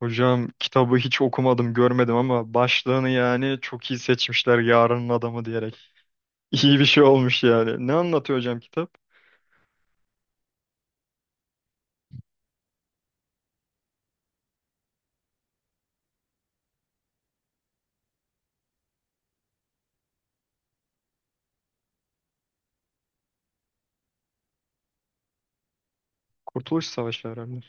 Hocam kitabı hiç okumadım, görmedim ama başlığını yani çok iyi seçmişler yarının adamı diyerek. İyi bir şey olmuş yani. Ne anlatıyor hocam kitap? Kurtuluş Savaşı herhalde.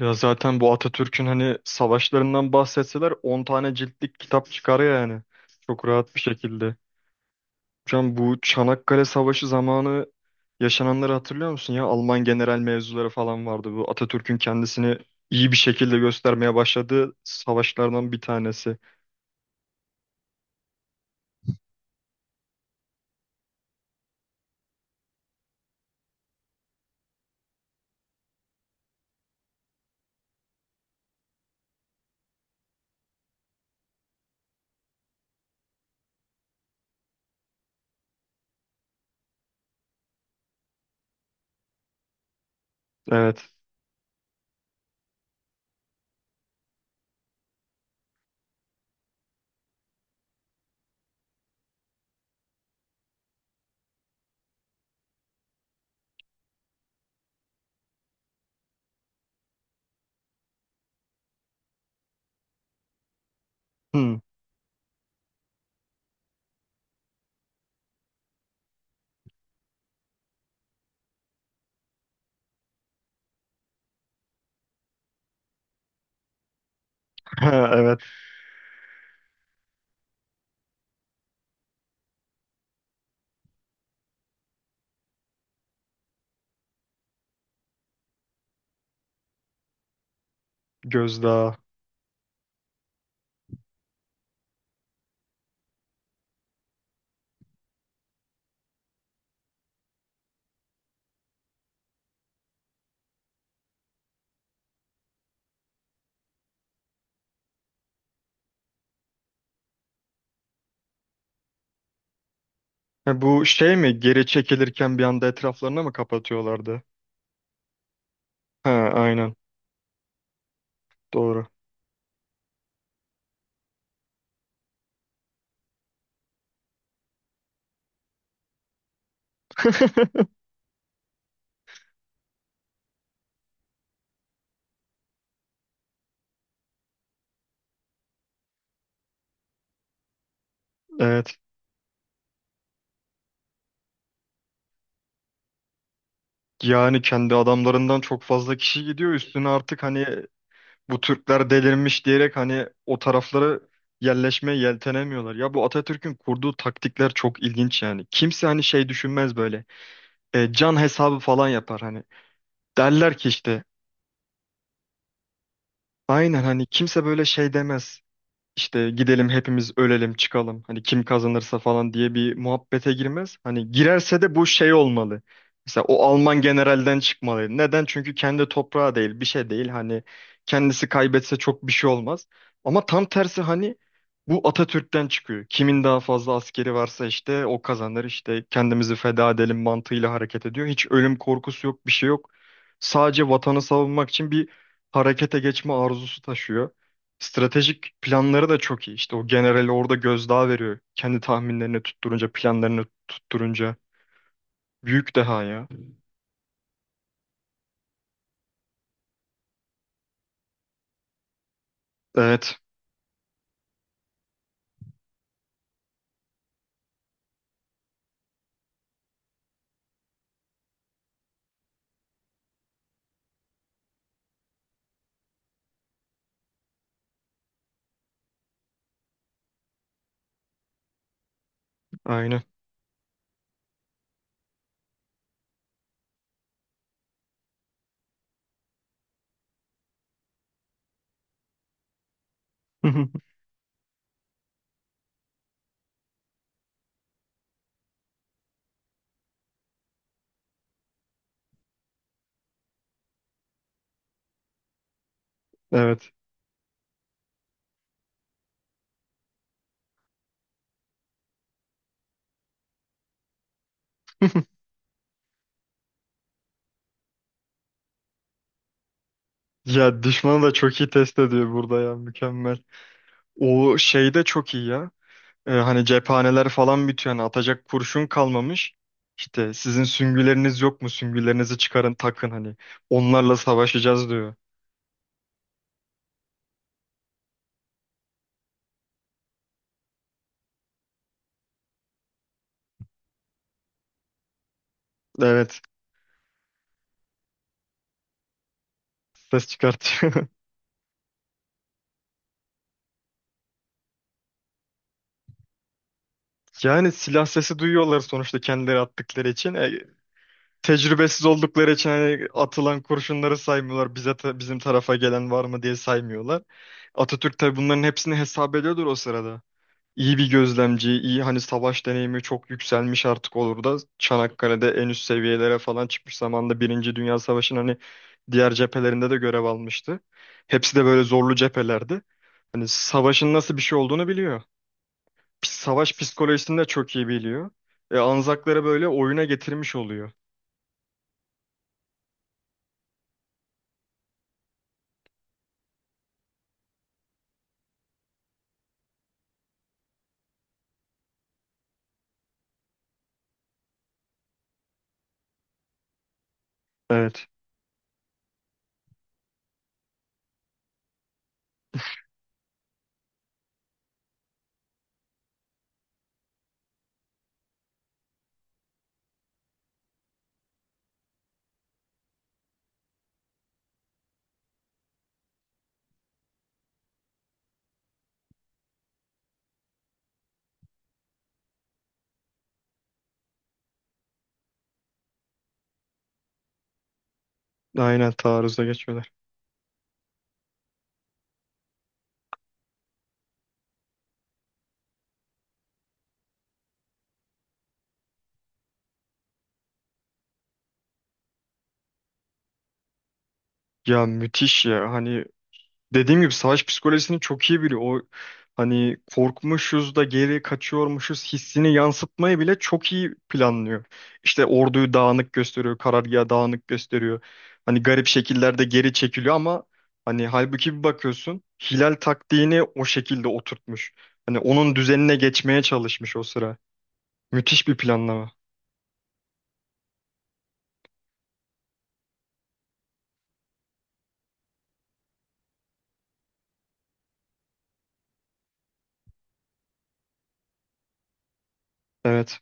Ya zaten bu Atatürk'ün hani savaşlarından bahsetseler 10 tane ciltlik kitap çıkar yani. Çok rahat bir şekilde. Hocam bu Çanakkale Savaşı zamanı yaşananları hatırlıyor musun ya? Alman general mevzuları falan vardı. Bu Atatürk'ün kendisini iyi bir şekilde göstermeye başladığı savaşlardan bir tanesi. Evet. Hmm. Ha, evet, gözdağı. Ha, bu şey mi? Geri çekilirken bir anda etraflarına mı kapatıyorlardı? Ha, aynen. Doğru. Evet. Yani kendi adamlarından çok fazla kişi gidiyor. Üstüne artık hani bu Türkler delirmiş diyerek hani o taraflara yerleşmeye yeltenemiyorlar. Ya bu Atatürk'ün kurduğu taktikler çok ilginç yani. Kimse hani şey düşünmez böyle. E, can hesabı falan yapar hani. Derler ki işte aynen hani kimse böyle şey demez. İşte gidelim hepimiz ölelim çıkalım hani kim kazanırsa falan diye bir muhabbete girmez. Hani girerse de bu şey olmalı. Mesela o Alman generalden çıkmalı. Neden? Çünkü kendi toprağı değil, bir şey değil. Hani kendisi kaybetse çok bir şey olmaz. Ama tam tersi hani bu Atatürk'ten çıkıyor. Kimin daha fazla askeri varsa işte o kazanır. İşte kendimizi feda edelim mantığıyla hareket ediyor. Hiç ölüm korkusu yok, bir şey yok. Sadece vatanı savunmak için bir harekete geçme arzusu taşıyor. Stratejik planları da çok iyi. İşte o generali orada gözdağı veriyor. Kendi tahminlerini tutturunca, planlarını tutturunca. Büyük deha ya. Evet, aynı. Evet. Ya düşmanı da çok iyi test ediyor burada ya mükemmel. O şey de çok iyi ya. Hani cephaneler falan bitiyor. Hani atacak kurşun kalmamış. İşte sizin süngüleriniz yok mu? Süngülerinizi çıkarın takın hani. Onlarla savaşacağız diyor. Evet. Ses çıkartıyor. Yani silah sesi duyuyorlar sonuçta kendileri attıkları için. E, tecrübesiz oldukları için hani atılan kurşunları saymıyorlar. Bizim tarafa gelen var mı diye saymıyorlar. Atatürk tabii bunların hepsini hesap ediyordur o sırada. İyi bir gözlemci, iyi hani savaş deneyimi çok yükselmiş artık olur da Çanakkale'de en üst seviyelere falan çıkmış zamanda Birinci Dünya Savaşı'nın hani diğer cephelerinde de görev almıştı. Hepsi de böyle zorlu cephelerdi. Hani savaşın nasıl bir şey olduğunu biliyor savaş psikolojisini de çok iyi biliyor. E, Anzakları böyle oyuna getirmiş oluyor. Evet. Aynen taarruza geçmeler. Ya müthiş ya. Hani dediğim gibi savaş psikolojisini çok iyi biliyor. O hani korkmuşuz da geri kaçıyormuşuz hissini yansıtmayı bile çok iyi planlıyor. İşte orduyu dağınık gösteriyor, karargahı dağınık gösteriyor. Hani garip şekillerde geri çekiliyor ama hani halbuki bir bakıyorsun Hilal taktiğini o şekilde oturtmuş. Hani onun düzenine geçmeye çalışmış o sıra. Müthiş bir planlama. Evet.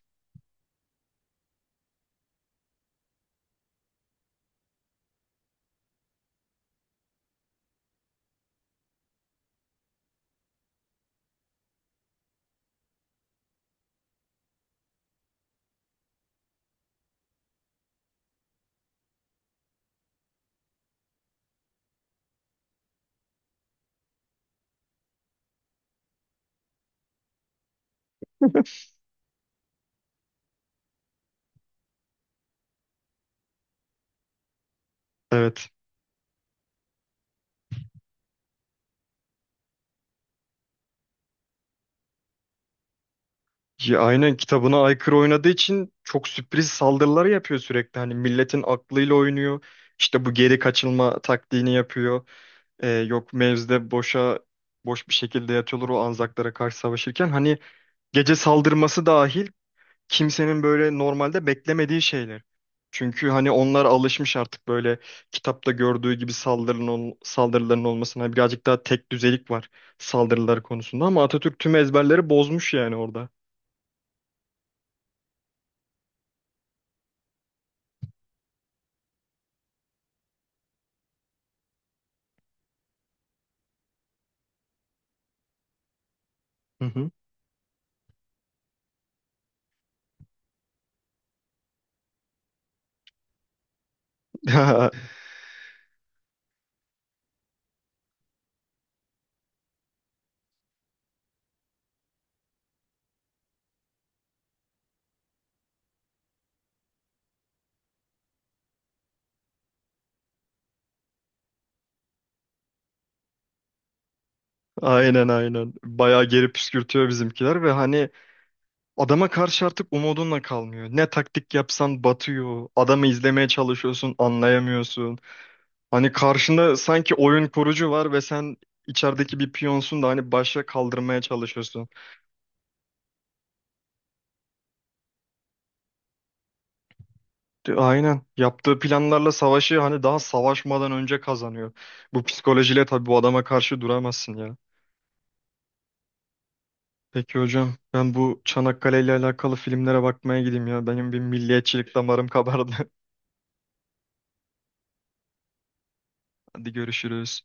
Evet. Ya, aynen kitabına aykırı oynadığı için çok sürpriz saldırılar yapıyor sürekli. Hani milletin aklıyla oynuyor. İşte bu geri kaçılma taktiğini yapıyor. Yok mevzide boş bir şekilde yatıyorlar o Anzaklara karşı savaşırken. Hani gece saldırması dahil kimsenin böyle normalde beklemediği şeyler. Çünkü hani onlar alışmış artık böyle kitapta gördüğü gibi saldırıların olmasına. Hani, birazcık daha tek düzelik var saldırılar konusunda ama Atatürk tüm ezberleri bozmuş yani orada. Hı hı. Aynen, aynen. Bayağı geri püskürtüyor bizimkiler ve hani adama karşı artık umudunla kalmıyor. Ne taktik yapsan batıyor. Adamı izlemeye çalışıyorsun, anlayamıyorsun. Hani karşında sanki oyun kurucu var ve sen içerideki bir piyonsun da hani başa kaldırmaya çalışıyorsun. Aynen. Yaptığı planlarla savaşı hani daha savaşmadan önce kazanıyor. Bu psikolojiyle tabii bu adama karşı duramazsın ya. Peki hocam ben bu Çanakkale ile alakalı filmlere bakmaya gideyim ya. Benim bir milliyetçilik damarım kabardı. Hadi görüşürüz.